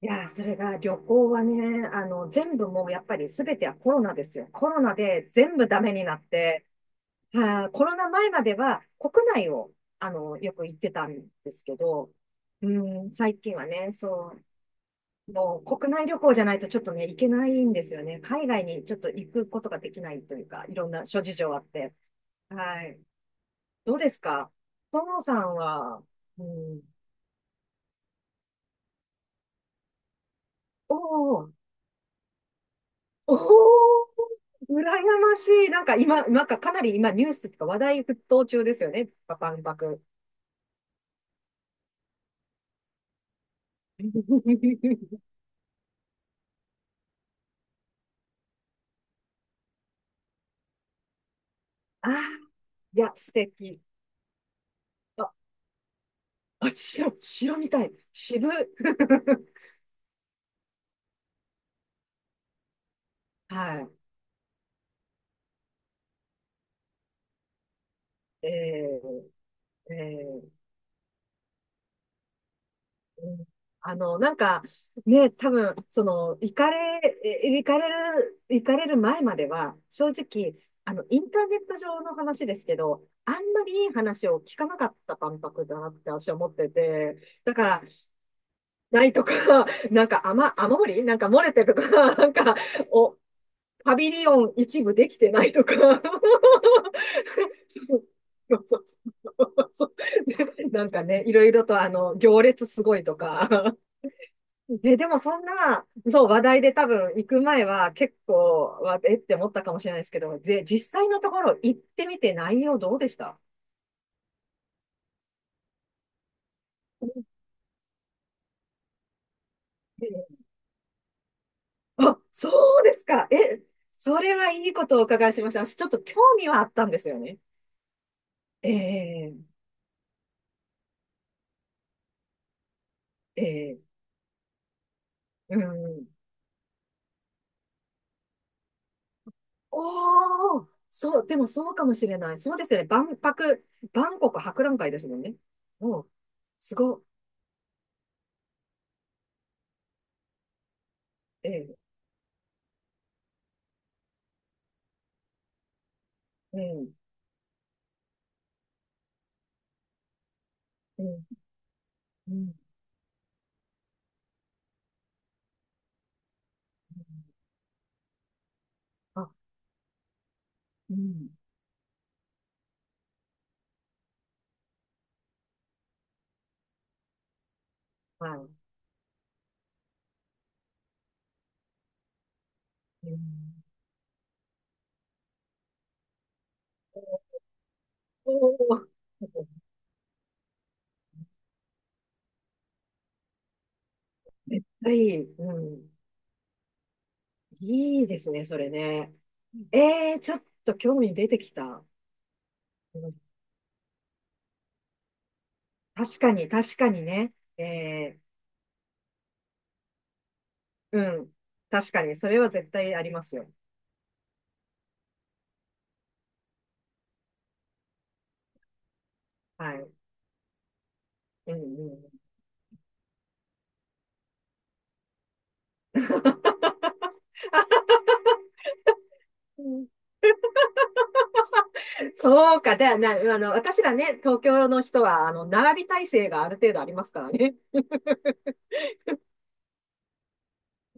いやー、それが旅行はね、全部もうやっぱり全てはコロナですよ。コロナで全部ダメになって、はーコロナ前までは国内を、よく行ってたんですけど、うん、最近はね、そう、もう国内旅行じゃないとちょっとね、行けないんですよね。海外にちょっと行くことができないというか、いろんな諸事情あって。はい。どうですかともさんは。うん。おー。おー、羨ましい。なんか今、かなり今ニュースとか話題沸騰中ですよね。パパンパク。ああ、いや、素敵。あ、あ、白、白みたい。渋。はい。えー、えー、うん。あの、なんか、ね、多分、その、行かれる前までは、正直、インターネット上の話ですけど、あんまりいい話を聞かなかった万博だなって私は思ってて、だから、ないとか、なんか雨漏りなんか漏れてるとか、なんか、お、パビリオン一部できてないとか。そうそうそうそうで。 なんかね、いろいろと行列すごいとか。で、でもそんな、そう、話題で多分行く前は結構、わえって思ったかもしれないですけど、で、実際のところ行ってみて内容どうでした？あ、そうですか。え、それはいいことをお伺いしました。私ちょっと興味はあったんですよね。ええ、ええ、うん。おー、そう、でもそうかもしれない。そうですよね。万博、万国博覧会ですもんね。おう、すご、ええ、うん、うん、うん。あ、うん、はい。うん。おー、絶対いい、うん。いいですね、それね。ええ、ちょっと興味出てきた。うん、確かに、確かにね。ええ、うん。確かに、それは絶対ありますよ。はい。うん、うん。 そうか。で、な、私らね、東京の人は、並び体制がある程度ありますからね。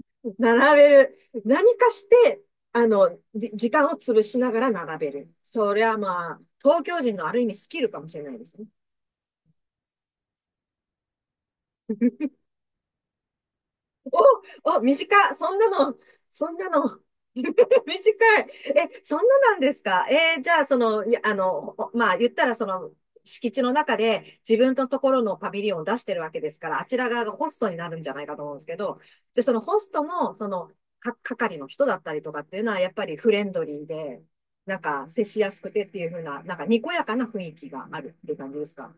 並べる。何かして、時間を潰しながら並べる。それはまあ、東京人のある意味スキルかもしれないですね。お、お、短い。そんなの、そんなの、短い。え、そんななんですか？えー、じゃあ、その、いや、まあ、言ったら、その、敷地の中で自分のところのパビリオンを出してるわけですから、あちら側がホストになるんじゃないかと思うんですけど、で、そのホストの、その、係の人だったりとかっていうのは、やっぱりフレンドリーで、なんか、接しやすくてっていう風な、なんか、にこやかな雰囲気があるっていう感じですか？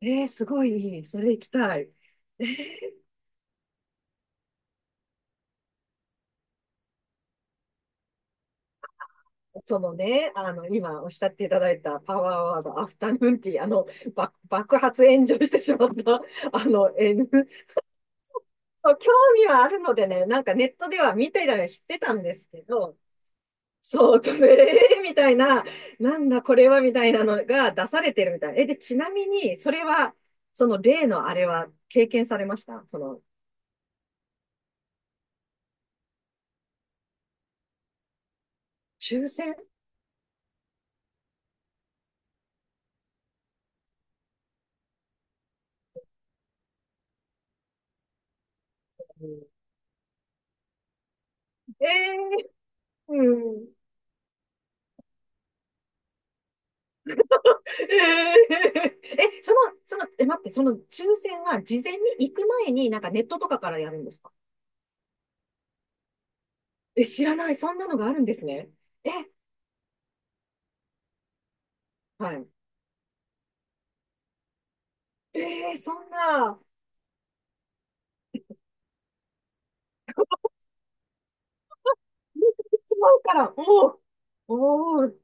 えー、すごいいい。それ行きたい。え、そのね、今おっしゃっていただいたパワーワード、アフタヌーンティー、爆発炎上してしまった、え、そう興味はあるのでね、なんかネットでは見てたり知ってたんですけど、そう、と、えー、 みたいな、なんだこれはみたいなのが出されてるみたい。え、で、ちなみに、それは、その例のあれは経験されました？その、抽選え、えー、うん。え、その、その、え、待って、その抽選は事前に行く前になんかネットとかからやるんですか？え、知らない。そんなのがあるんですね。え、はい。えー、そんな、使うから、おー。おー、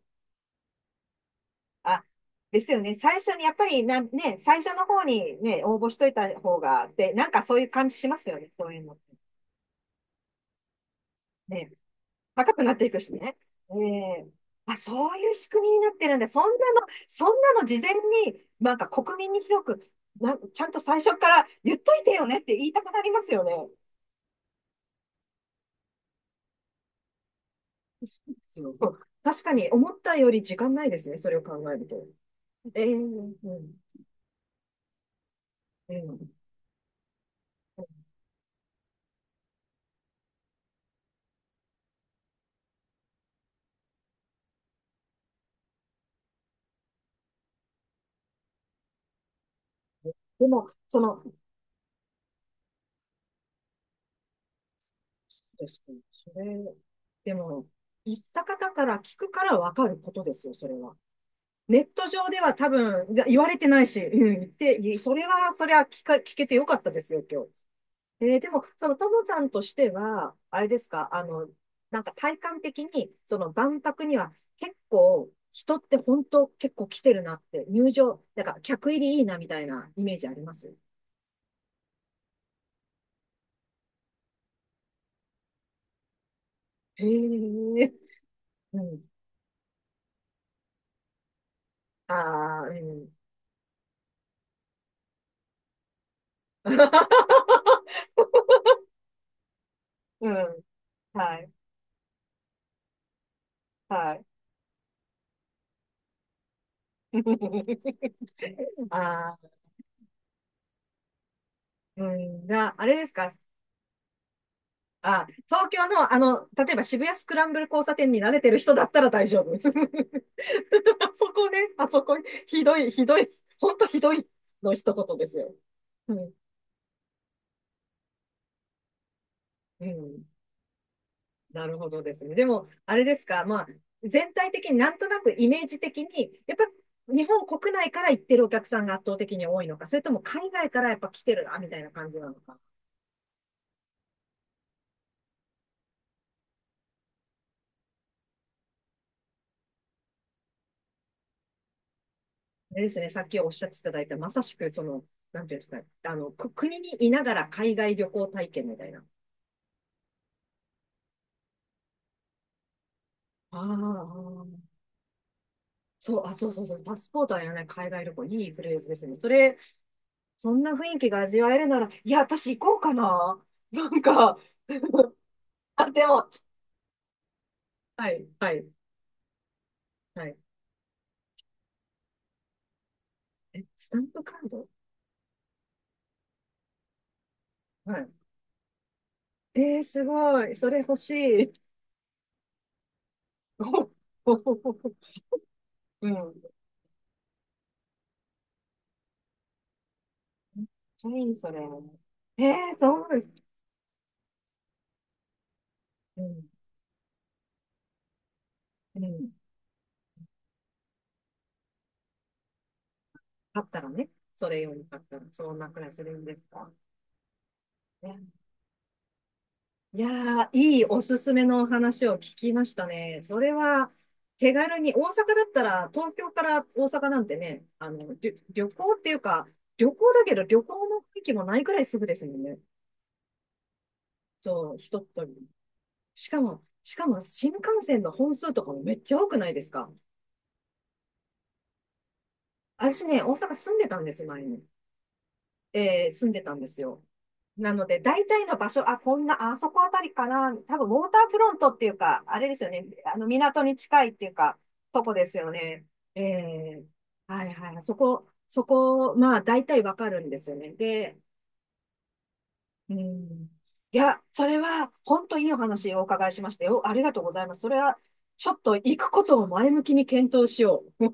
あ、ですよね。最初に、やっぱりな、ね、最初の方にね、応募しといた方が、で、なんかそういう感じしますよね。そういうのって。ね。高くなっていくしね。ええ、あ、そういう仕組みになってるんだ。そんなの事前に、なんか国民に広く、な、ちゃんと最初から言っといてよねって言いたくなりますよね。そうですよ。確かに思ったより時間ないですね、それを考えると。ええ、うん、ええ、でも、その、確かに、それ、でも、言った方から聞くからわかることですよ、それは。ネット上では多分言われてないし、うん、言って、それは、それは聞けてよかったですよ、今日。えー、でも、そのともさんとしては、あれですか、なんか体感的に、その万博には結構、人って本当結構来てるなって、入場、なんか客入りいいなみたいなイメージあります？へえ、うん。ああ、うん。うん。はい。はい。ああ、うん。じゃあ、あれですか？あ、東京の、例えば渋谷スクランブル交差点に慣れてる人だったら大丈夫。あそこね、あそこ、ひどい、ひどい、ほんとひどいの一言ですよ。うん、うん、なるほどですね。でも、あれですか、まあ、全体的になんとなくイメージ的に、やっぱ日本国内から行ってるお客さんが圧倒的に多いのか、それとも海外からやっぱ来てるな、みたいな感じなのか。ですね、さっきおっしゃっていただいた、まさしく、その、なんていうんですか、国にいながら海外旅行体験みたいな。ああ、そう、あ、そうそうそう、パスポートはやらない海外旅行、いいフレーズですね。それ、そんな雰囲気が味わえるなら、いや、私行こうかな。なんか あ、でも、はい、はい、はい。え、スタンプカード？はい。えー、すごい。それ欲しい。うん。めっちゃいい、それ。えー、そう。うん、うん。買ったらね、それ用に買ったら、そんなくらいするんですか。ね、いやー、いいおすすめのお話を聞きましたね。それは、手軽に、大阪だったら、東京から大阪なんてね、旅行っていうか、旅行だけど旅行の雰囲気もないくらいすぐですもんね。そう、一通り。しかも、しかも新幹線の本数とかもめっちゃ多くないですか？私ね、大阪住んでたんです、前に。えー、住んでたんですよ。なので、大体の場所、あ、こんな、あそこあたりかな。多分、ウォーターフロントっていうか、あれですよね。港に近いっていうか、とこですよね。ええ、はいはい。そこ、そこ、まあ、大体わかるんですよね。で、うん。いや、それは、本当いいお話をお伺いしましたよ。ありがとうございます。それは、ちょっと行くことを前向きに検討しよう。